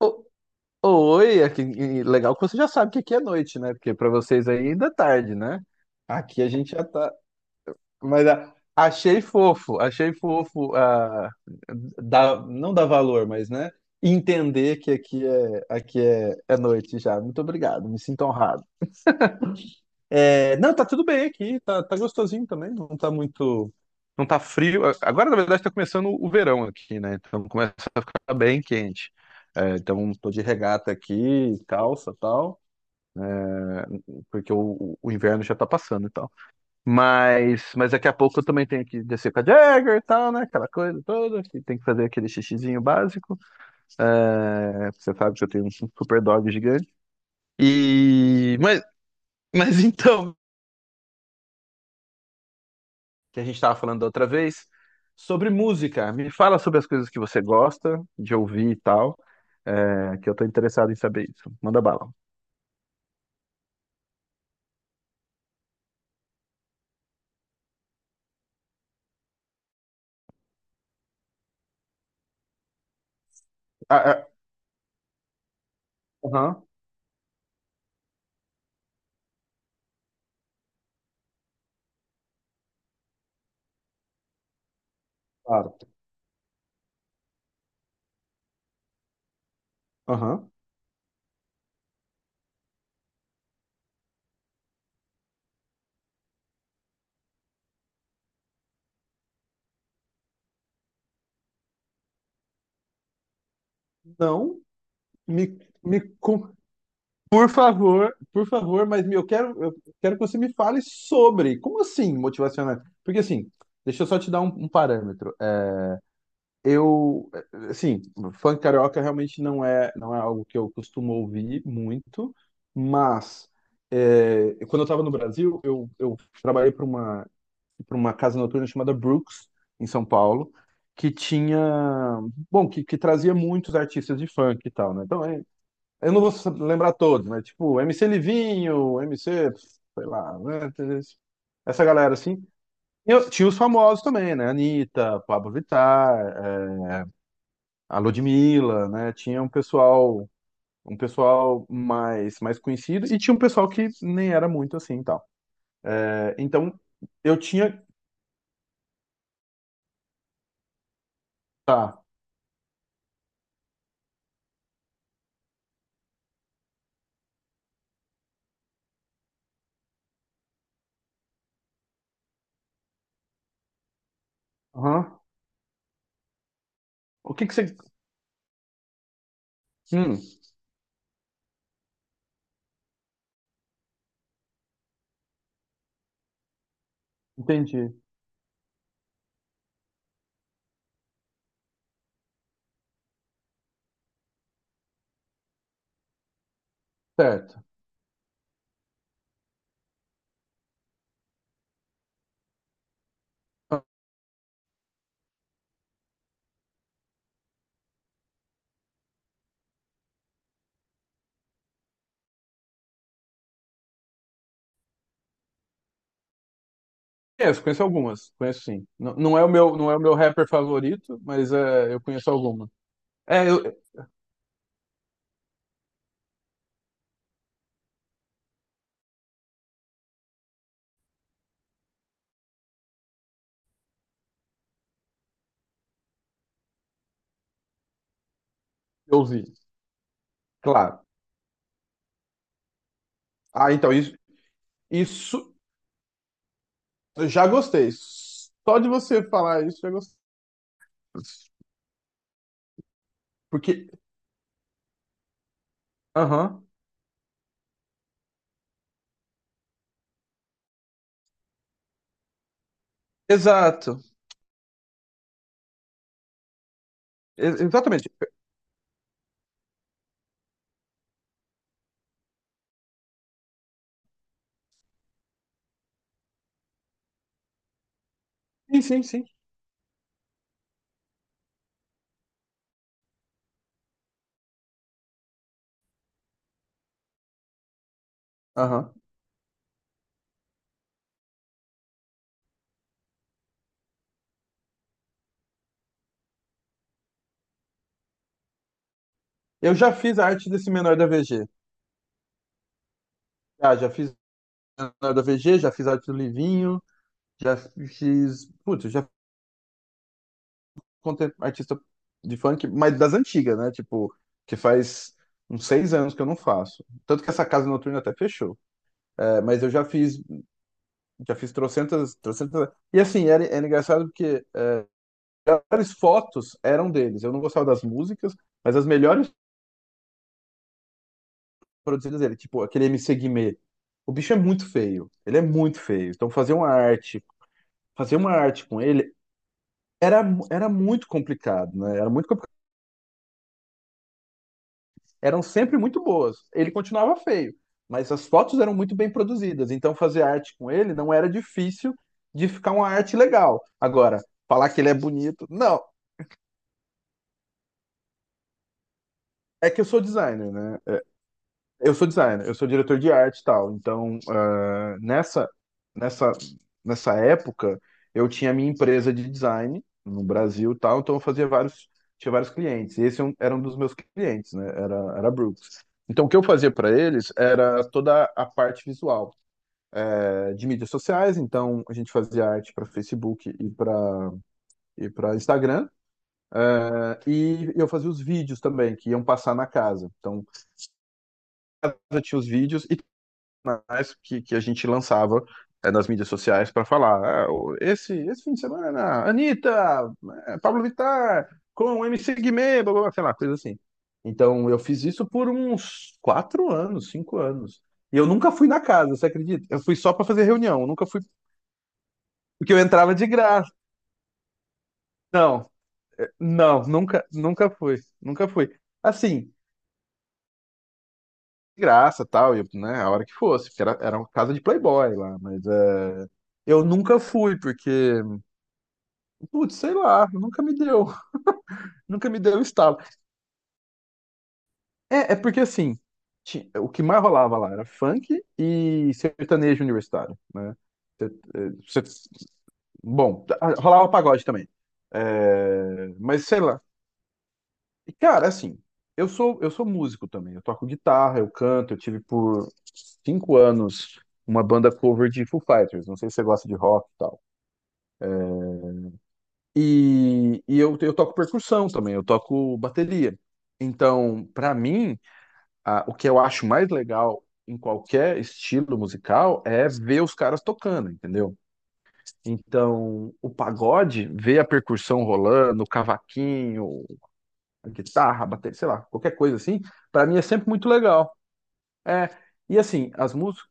O- Oi, aqui, e legal que você já sabe que aqui é noite, né? Porque pra vocês aí ainda é tarde, né? Aqui a gente já tá. Mas achei fofo, não dá valor, mas né? Entender que aqui é noite já. Muito obrigado, me sinto honrado. É, não, tá tudo bem aqui, tá, tá gostosinho também, não tá muito. Não tá frio. Agora, na verdade, tá começando o verão aqui, né? Então começa a ficar bem quente. É, então tô de regata aqui, calça tal, porque o inverno já tá passando e tal. Mas daqui a pouco eu também tenho que descer com a Jagger e tal, né? Aquela coisa toda, que tem que fazer aquele xixizinho básico. É, você sabe que eu tenho um super dog gigante. E. Mas então, que a gente estava falando da outra vez, sobre música. Me fala sobre as coisas que você gosta de ouvir e tal, que eu tô interessado em saber isso. Manda bala. Ah, ah, aham, claro. Aham. Não, me, me, con- por favor, mas eu quero que você me fale sobre. Como assim, motivacional? Porque assim, deixa eu só te dar um parâmetro. Assim, funk carioca realmente não é algo que eu costumo ouvir muito, mas quando eu estava no Brasil, eu trabalhei para uma casa noturna chamada Brooks, em São Paulo, que tinha, bom, que trazia muitos artistas de funk e tal, né? Então, eu não vou lembrar todos, mas tipo, MC Livinho, MC, sei lá, né? Essa galera assim. E tinha os famosos também, né? Anitta, Pablo Vittar, a Ludmilla, né? Tinha um pessoal mais conhecido e tinha um pessoal que nem era muito assim, e tal. É, então eu tinha, tá. Aham. O que que você, hum, entendi. Certo. Ah, conheço, conheço algumas, conheço sim. Não é o meu rapper favorito, mas eu conheço algumas. É, eu ouvi, claro. Ah, então isso eu já gostei. Só de você falar isso, eu já gostei. Porque, aham, exato, exatamente. Sim, sim, sim. Aham. Eu já fiz a arte desse menor da VG. Já fiz menor da VG, já fiz arte do Livinho, já fiz. Putz, eu já contei artista de funk, mas das antigas, né? Tipo, que faz uns 6 anos que eu não faço. Tanto que essa casa noturna até fechou. É, mas eu já fiz trocentas, trocentas. E assim, era engraçado porque as melhores fotos eram deles. Eu não gostava das músicas, mas as melhores produzidas dele, tipo aquele MC Guimê. O bicho é muito feio, ele é muito feio. Então fazer uma arte com ele era, era muito complicado, né? Era muito complicado. Eram sempre muito boas. Ele continuava feio, mas as fotos eram muito bem produzidas. Então fazer arte com ele não era difícil de ficar uma arte legal. Agora, falar que ele é bonito, não. É que eu sou designer, né? Eu sou designer, eu sou diretor de arte e tal. Então, nessa, nessa época, eu tinha minha empresa de design no Brasil e tal, então eu fazia vários, tinha vários clientes. E esse é era um dos meus clientes, né? Era a Brooks. Então, o que eu fazia para eles era toda a parte visual, de mídias sociais. Então, a gente fazia arte para Facebook e para Instagram. E eu fazia os vídeos também, que iam passar na casa. Então, eu tinha os vídeos e que a gente lançava nas mídias sociais para falar. "Ah, esse fim de semana, Anitta, Pablo Vittar, com o MC Guimê, blá, blá, blá", sei lá, coisa assim. Então eu fiz isso por uns 4 anos, 5 anos. E eu nunca fui na casa, você acredita? Eu fui só para fazer reunião, eu nunca fui, porque eu entrava de graça. Não, não, nunca, nunca fui, nunca fui. Assim, de graça, tal, e, né, a hora que fosse, porque era uma casa de playboy lá, mas eu nunca fui, porque putz, sei lá, nunca me deu, nunca me deu um estalo. É, porque assim, o que mais rolava lá era funk e sertanejo universitário, né? Ser- eh, ser- Bom, rolava pagode também. É, mas sei lá. E, cara, assim, eu sou músico também. Eu toco guitarra, eu canto. Eu tive por 5 anos uma banda cover de Foo Fighters. Não sei se você gosta de rock e tal. E eu toco percussão também. Eu toco bateria. Então, pra mim, ah, o que eu acho mais legal em qualquer estilo musical é ver os caras tocando, entendeu? Então, o pagode, ver a percussão rolando, o cavaquinho, a guitarra, a bateria, sei lá, qualquer coisa assim, pra mim é sempre muito legal. É, e assim, as músicas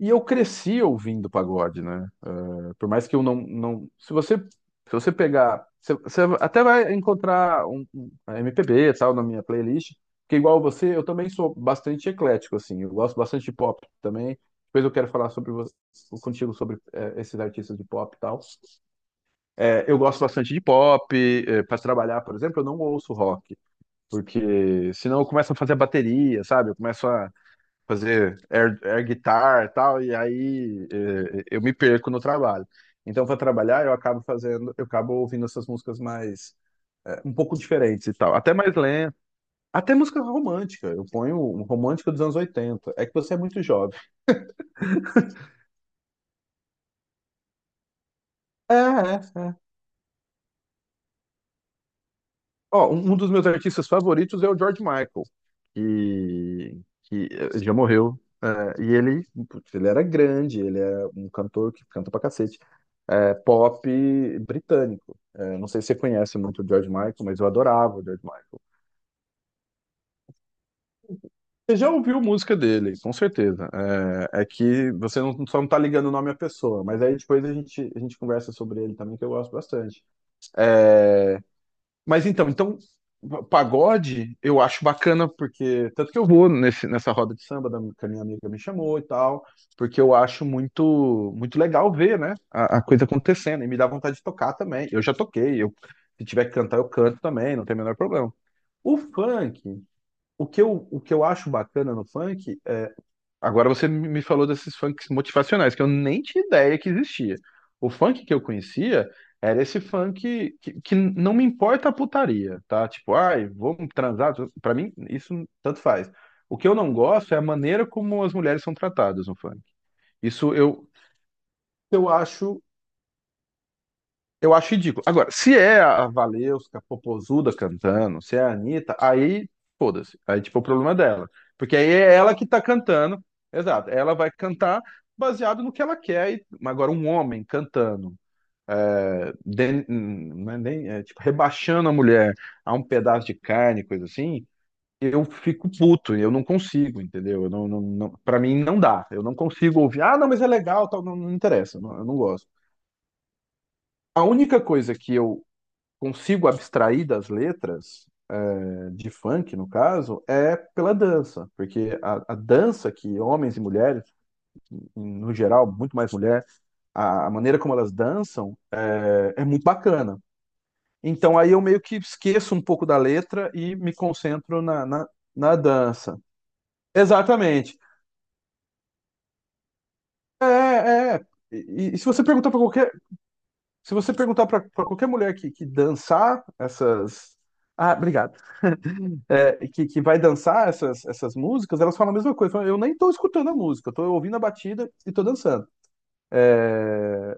e eu cresci ouvindo pagode, né? Por mais que eu não, não. Se você pegar. Você até vai encontrar um MPB e tal na minha playlist, porque igual você, eu também sou bastante eclético, assim. Eu gosto bastante de pop também. Depois eu quero falar contigo sobre esses artistas de pop e tal. Eu gosto bastante de pop. Para trabalhar, por exemplo, eu não ouço rock, porque senão eu começo a fazer bateria, sabe? Eu começo a fazer air guitar e tal, e aí eu me perco no trabalho. Então, para trabalhar, eu acabo ouvindo essas músicas mais, um pouco diferentes e tal, até mais lenta, até música romântica. Eu ponho um romântico dos anos 80. É que você é muito jovem. É, é, é. Ó, um dos meus artistas favoritos é o George Michael, que já morreu. É, e ele, putz, ele era grande, ele é um cantor que canta pra cacete. É, pop britânico. É, não sei se você conhece muito o George Michael, mas eu adorava o George Michael. Você já ouviu música dele, com certeza. É, é que você não, só não tá ligando o nome à pessoa, mas aí depois a gente conversa sobre ele também, que eu gosto bastante. É, mas então pagode eu acho bacana, porque tanto que eu vou nesse, nessa roda de samba da, que a minha amiga me chamou e tal, porque eu acho muito muito legal ver, né, a coisa acontecendo e me dá vontade de tocar também. Eu já toquei, eu se tiver que cantar eu canto também, não tem o menor problema. O funk, o que eu acho bacana no funk. Agora você me falou desses funks motivacionais, que eu nem tinha ideia que existia. O funk que eu conhecia era esse funk que não me importa a putaria, tá? Tipo, ai, vamos transar. Pra mim, isso tanto faz. O que eu não gosto é a maneira como as mulheres são tratadas no funk. Isso eu acho eu acho ridículo. Agora, se é a Valesca Popozuda cantando, se é a Anitta, aí foda-se. Aí, tipo, o problema é dela. Porque aí é ela que tá cantando. Exato. Ela vai cantar baseado no que ela quer. E. Mas agora, um homem cantando, não é nem, tipo, rebaixando a mulher a um pedaço de carne, coisa assim, eu fico puto. Eu não consigo, entendeu? Eu não, não, não, pra mim, não dá. Eu não consigo ouvir. Ah, não, mas é legal, tal. Não, não interessa. Eu não gosto. A única coisa que eu consigo abstrair das letras, de funk no caso, é pela dança, porque a dança que homens e mulheres, no geral, muito mais mulher, a maneira como elas dançam muito bacana. Então aí eu meio que esqueço um pouco da letra e me concentro na, dança. Exatamente. É, é. É. E se você perguntar se você perguntar para qualquer mulher que dançar ah, obrigado. Que vai dançar essas músicas, elas falam a mesma coisa. Falam, eu nem tô escutando a música, eu tô ouvindo a batida e tô dançando. É,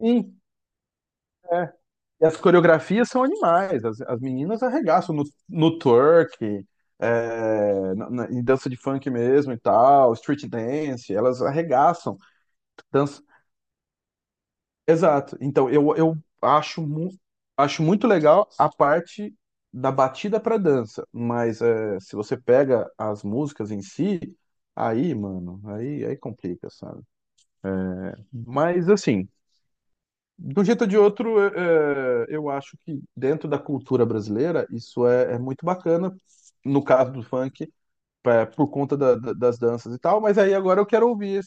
sim. É. E as coreografias são animais, as meninas arregaçam no twerk, em dança de funk mesmo e tal, street dance, elas arregaçam. dan- Exato. Então, eu acho, mu acho muito legal a parte da batida pra dança, mas se você pega as músicas em si, aí, mano, aí complica, sabe? Mas, assim, de um jeito ou de outro, eu acho que dentro da cultura brasileira, isso é muito bacana, no caso do funk, por conta das danças e tal, mas aí agora eu quero ouvir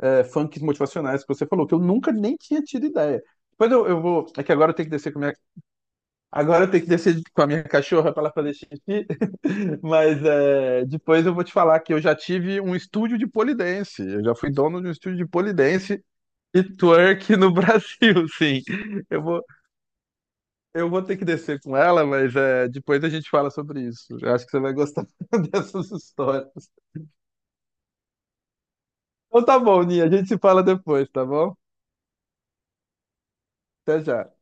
funks motivacionais que você falou, que eu nunca nem tinha tido ideia. Depois eu vou. É que agora eu tenho que descer com a minha. Agora eu tenho que descer com a minha cachorra para ela fazer xixi. Mas depois eu vou te falar que eu já tive um estúdio de pole dance. Eu já fui dono de um estúdio de pole dance e twerk no Brasil, sim. Eu vou, eu vou ter que descer com ela, mas depois a gente fala sobre isso. Eu acho que você vai gostar dessas histórias. Então tá bom, Ninha. A gente se fala depois, tá bom? Até já.